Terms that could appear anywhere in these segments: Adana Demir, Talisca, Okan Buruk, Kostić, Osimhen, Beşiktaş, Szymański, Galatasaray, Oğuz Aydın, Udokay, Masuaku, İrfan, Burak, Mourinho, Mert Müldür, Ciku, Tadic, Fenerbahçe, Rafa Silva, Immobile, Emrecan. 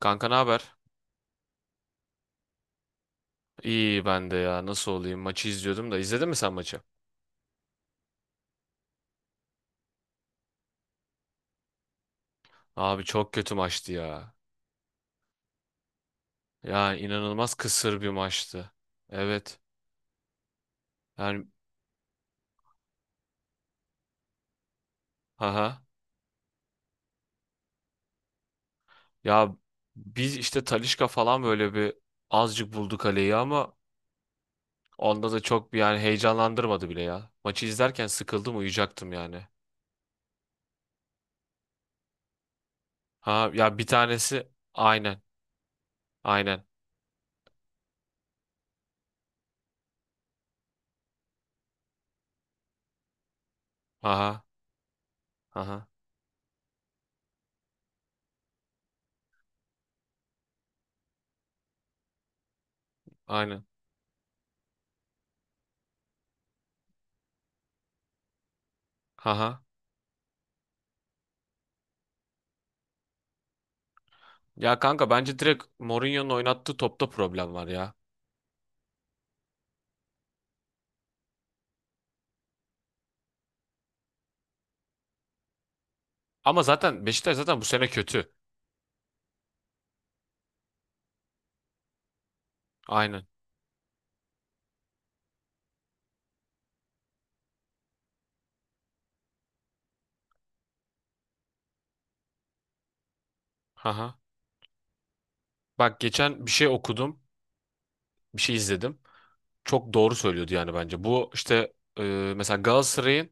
Kanka ne haber? İyi, ben de ya. Nasıl olayım, maçı izliyordum da. İzledin mi sen maçı? Abi çok kötü maçtı ya. Yani inanılmaz kısır bir maçtı. Evet. Yani haha. Ya biz işte Talisca falan böyle bir azıcık buldu kaleyi, ama onda da çok bir yani heyecanlandırmadı bile ya. Maçı izlerken sıkıldım, uyuyacaktım yani. Ha ya bir tanesi aynen aynen. Aha aha aynen. Haha. Ya kanka bence direkt Mourinho'nun oynattığı topta problem var ya. Ama zaten Beşiktaş zaten bu sene kötü. Aynen. Haha. Bak geçen bir şey okudum. Bir şey izledim. Çok doğru söylüyordu yani bence. Bu işte mesela Galatasaray'ın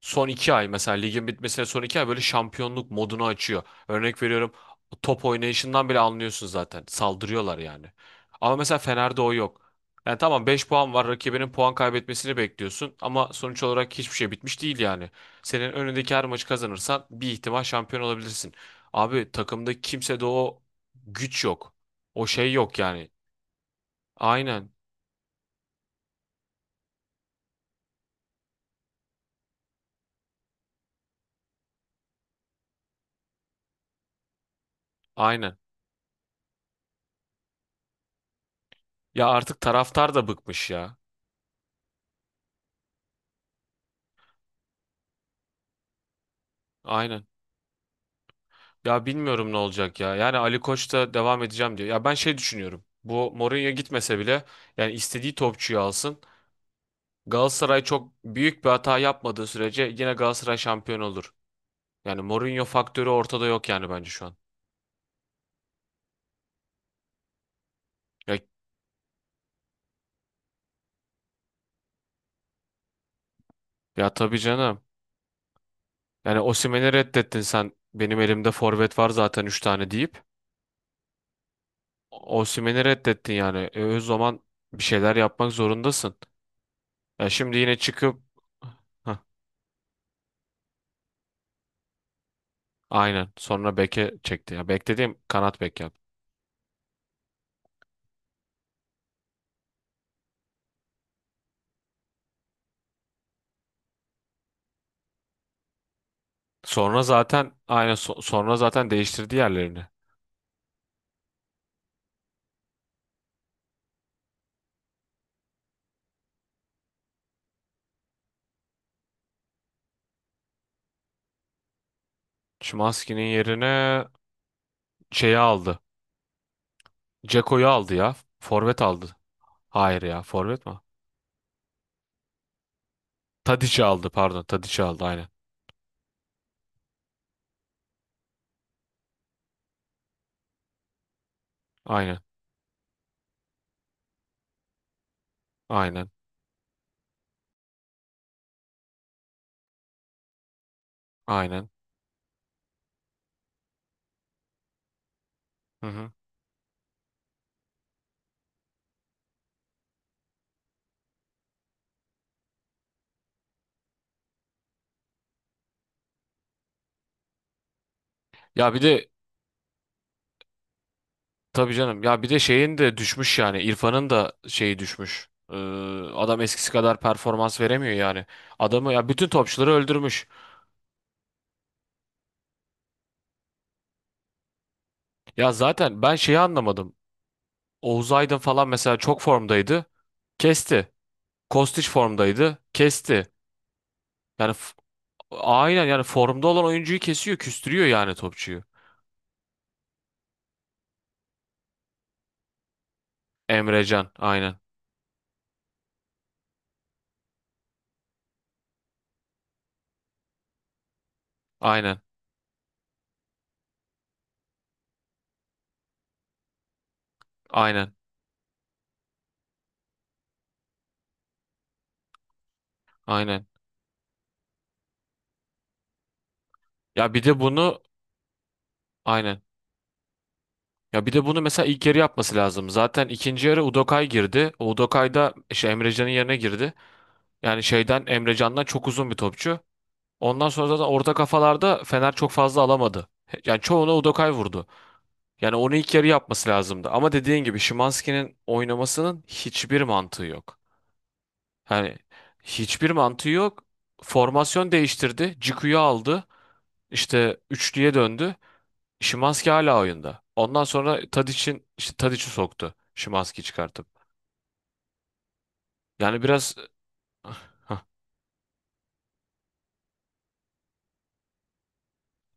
son 2 ay, mesela ligin bitmesine son 2 ay, böyle şampiyonluk modunu açıyor. Örnek veriyorum, top oynayışından bile anlıyorsun zaten. Saldırıyorlar yani. Ama mesela Fener'de o yok. Yani tamam, 5 puan var, rakibinin puan kaybetmesini bekliyorsun, ama sonuç olarak hiçbir şey bitmiş değil yani. Senin önündeki her maçı kazanırsan bir ihtimal şampiyon olabilirsin. Abi takımda kimsede o güç yok. O şey yok yani. Aynen. Aynen. Ya artık taraftar da bıkmış ya. Aynen. Ya bilmiyorum ne olacak ya. Yani Ali Koç da devam edeceğim diyor. Ya ben şey düşünüyorum. Bu Mourinho gitmese bile yani istediği topçuyu alsın. Galatasaray çok büyük bir hata yapmadığı sürece yine Galatasaray şampiyon olur. Yani Mourinho faktörü ortada yok yani bence şu an. Ya, ya tabii canım. Yani Osimhen'i reddettin sen. Benim elimde forvet var zaten 3 tane deyip. Osimhen'i reddettin yani. O zaman bir şeyler yapmak zorundasın. Ya şimdi yine çıkıp. Heh. Aynen. Sonra beke çekti. Ya bek dediğim, kanat bek yaptı. Sonra zaten aynen sonra zaten değiştirdi yerlerini. Szymański'nin yerine şeyi aldı. Ceko'yu aldı ya. Forvet aldı. Hayır ya, forvet mi? Tadic'i aldı, pardon. Tadic'i aldı aynen. Aynen. Aynen. Aynen. Hı hı. Ya bir de tabii canım. Ya bir de şeyin de düşmüş yani. İrfan'ın da şeyi düşmüş. Adam eskisi kadar performans veremiyor yani. Adamı ya bütün topçuları öldürmüş. Ya zaten ben şeyi anlamadım. Oğuz Aydın falan mesela çok formdaydı. Kesti. Kostić formdaydı. Kesti. Yani f- aynen, yani formda olan oyuncuyu kesiyor, küstürüyor yani topçuyu. Emrecan aynen. Aynen. Aynen. Aynen. Ya bir de bunu aynen. Ya bir de bunu mesela ilk yarı yapması lazım. Zaten ikinci yarı Udokay girdi. O Udokay da işte Emrecan'ın yerine girdi. Yani Emrecan'dan çok uzun bir topçu. Ondan sonra zaten orta kafalarda Fener çok fazla alamadı. Yani çoğunu Udokay vurdu. Yani onu ilk yarı yapması lazımdı. Ama dediğin gibi Szymański'nin oynamasının hiçbir mantığı yok. Yani hiçbir mantığı yok. Formasyon değiştirdi. Ciku'yu aldı. İşte üçlüye döndü. Szymański hala oyunda. Ondan sonra Tadić'in işte Tadić'i soktu. Szymański çıkartıp. Yani biraz. Hah,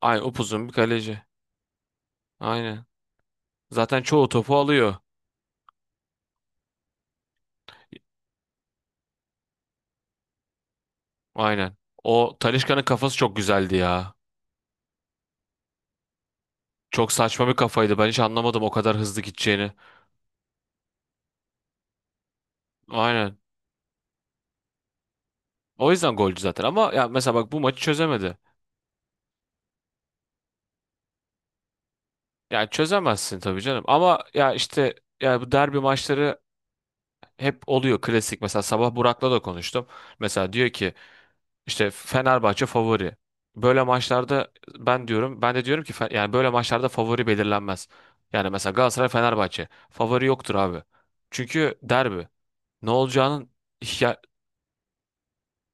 aynen, upuzun bir kaleci. Aynen. Zaten çoğu topu alıyor. Aynen. O Talisca'nın kafası çok güzeldi ya. Çok saçma bir kafaydı. Ben hiç anlamadım o kadar hızlı gideceğini. Aynen. O yüzden golcü zaten, ama ya mesela bak bu maçı çözemedi. Yani çözemezsin tabii canım, ama ya işte ya bu derbi maçları hep oluyor klasik. Mesela sabah Burak'la da konuştum. Mesela diyor ki işte Fenerbahçe favori. Böyle maçlarda ben de diyorum ki yani böyle maçlarda favori belirlenmez. Yani mesela Galatasaray Fenerbahçe favori yoktur abi. Çünkü derbi. Ne olacağının ya,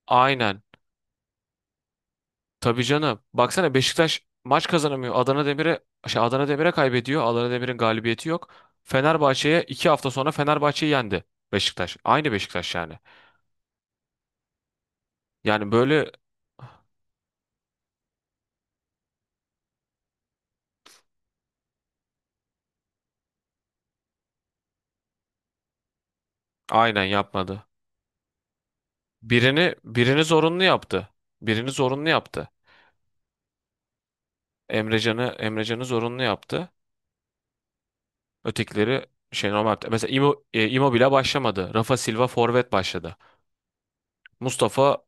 aynen. Tabii canım. Baksana Beşiktaş maç kazanamıyor. Adana Demir'e Adana Demir'e kaybediyor. Adana Demir'in galibiyeti yok. Fenerbahçe'ye, 2 hafta sonra Fenerbahçe'yi yendi Beşiktaş. Aynı Beşiktaş yani. Yani böyle aynen yapmadı. Birini zorunlu yaptı. Birini zorunlu yaptı. Emrecan'ı zorunlu yaptı. Ötekileri şey, normal yaptı. Mesela Immobile başlamadı. Rafa Silva forvet başladı. Mustafa.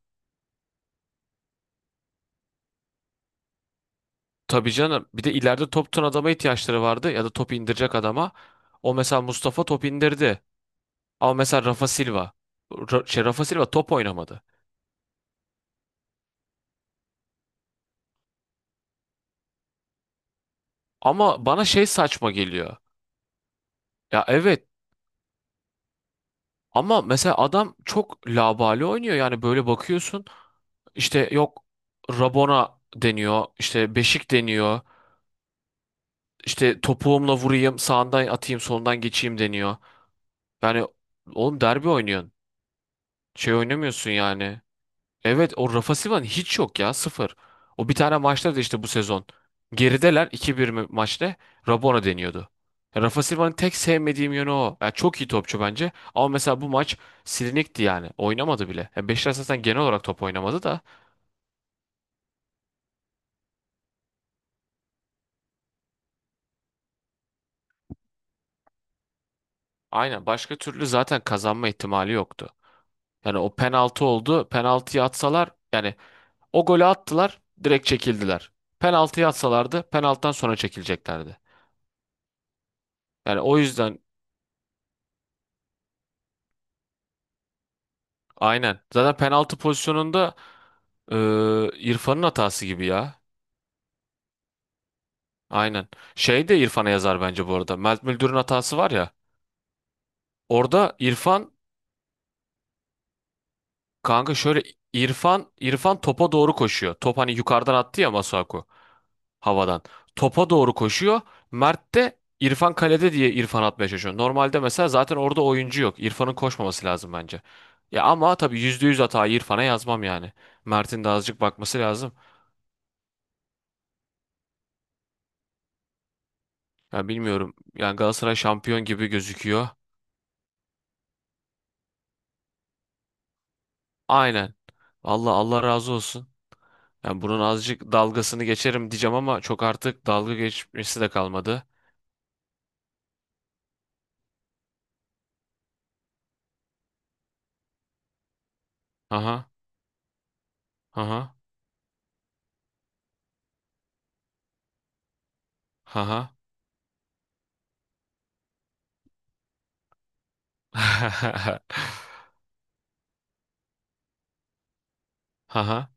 Tabii canım. Bir de ileride top tutan adama ihtiyaçları vardı, ya da top indirecek adama. O mesela Mustafa top indirdi. Ama mesela Rafa Silva. Rafa Silva top oynamadı. Ama bana şey saçma geliyor. Ya evet, ama mesela adam çok labali oynuyor. Yani böyle bakıyorsun, işte yok Rabona deniyor, işte Beşik deniyor, işte topuğumla vurayım, sağından atayım, solundan geçeyim deniyor. Yani oğlum derbi oynuyorsun. Şey oynamıyorsun yani. Evet o Rafa Silva'nın hiç yok ya, sıfır. O bir tane maçta da işte bu sezon. Gerideler, 2-1 mi maçta, Rabona deniyordu. Ya Rafa Silva'nın tek sevmediğim yönü o. Ya çok iyi topçu bence, ama mesela bu maç silinikti yani. Oynamadı bile. Ya Beşiktaş zaten genel olarak top oynamadı da. Aynen, başka türlü zaten kazanma ihtimali yoktu. Yani o penaltı oldu. Penaltıyı atsalar yani, o golü attılar direkt çekildiler. Penaltıyı atsalardı, penaltıdan sonra çekileceklerdi. Yani o yüzden. Aynen. Zaten penaltı pozisyonunda e, İrfan'ın hatası gibi ya. Aynen. Şey de İrfan'a yazar bence bu arada. Mert Müldür'ün hatası var ya. Orada İrfan, kanka şöyle, İrfan topa doğru koşuyor. Top hani yukarıdan attı ya Masuaku, havadan. Topa doğru koşuyor. Mert de İrfan kalede diye, İrfan atmaya çalışıyor. Normalde mesela zaten orada oyuncu yok. İrfan'ın koşmaması lazım bence. Ya ama tabii %100 hatayı İrfan'a yazmam yani. Mert'in de azıcık bakması lazım. Ya bilmiyorum. Yani Galatasaray şampiyon gibi gözüküyor. Aynen. Allah Allah razı olsun. Yani bunun azıcık dalgasını geçerim diyeceğim, ama çok artık dalga geçmesi de kalmadı. Aha, aha, aha. Aha.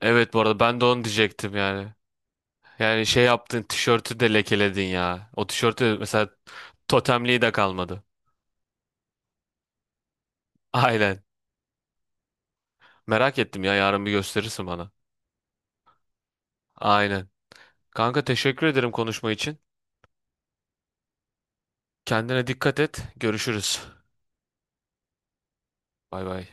Evet bu arada ben de onu diyecektim yani. Yani şey yaptın, tişörtü de lekeledin ya. O tişörtü mesela totemliği de kalmadı. Aynen. Merak ettim ya, yarın bir gösterirsin bana. Aynen. Kanka teşekkür ederim konuşma için. Kendine dikkat et. Görüşürüz. Bay bay.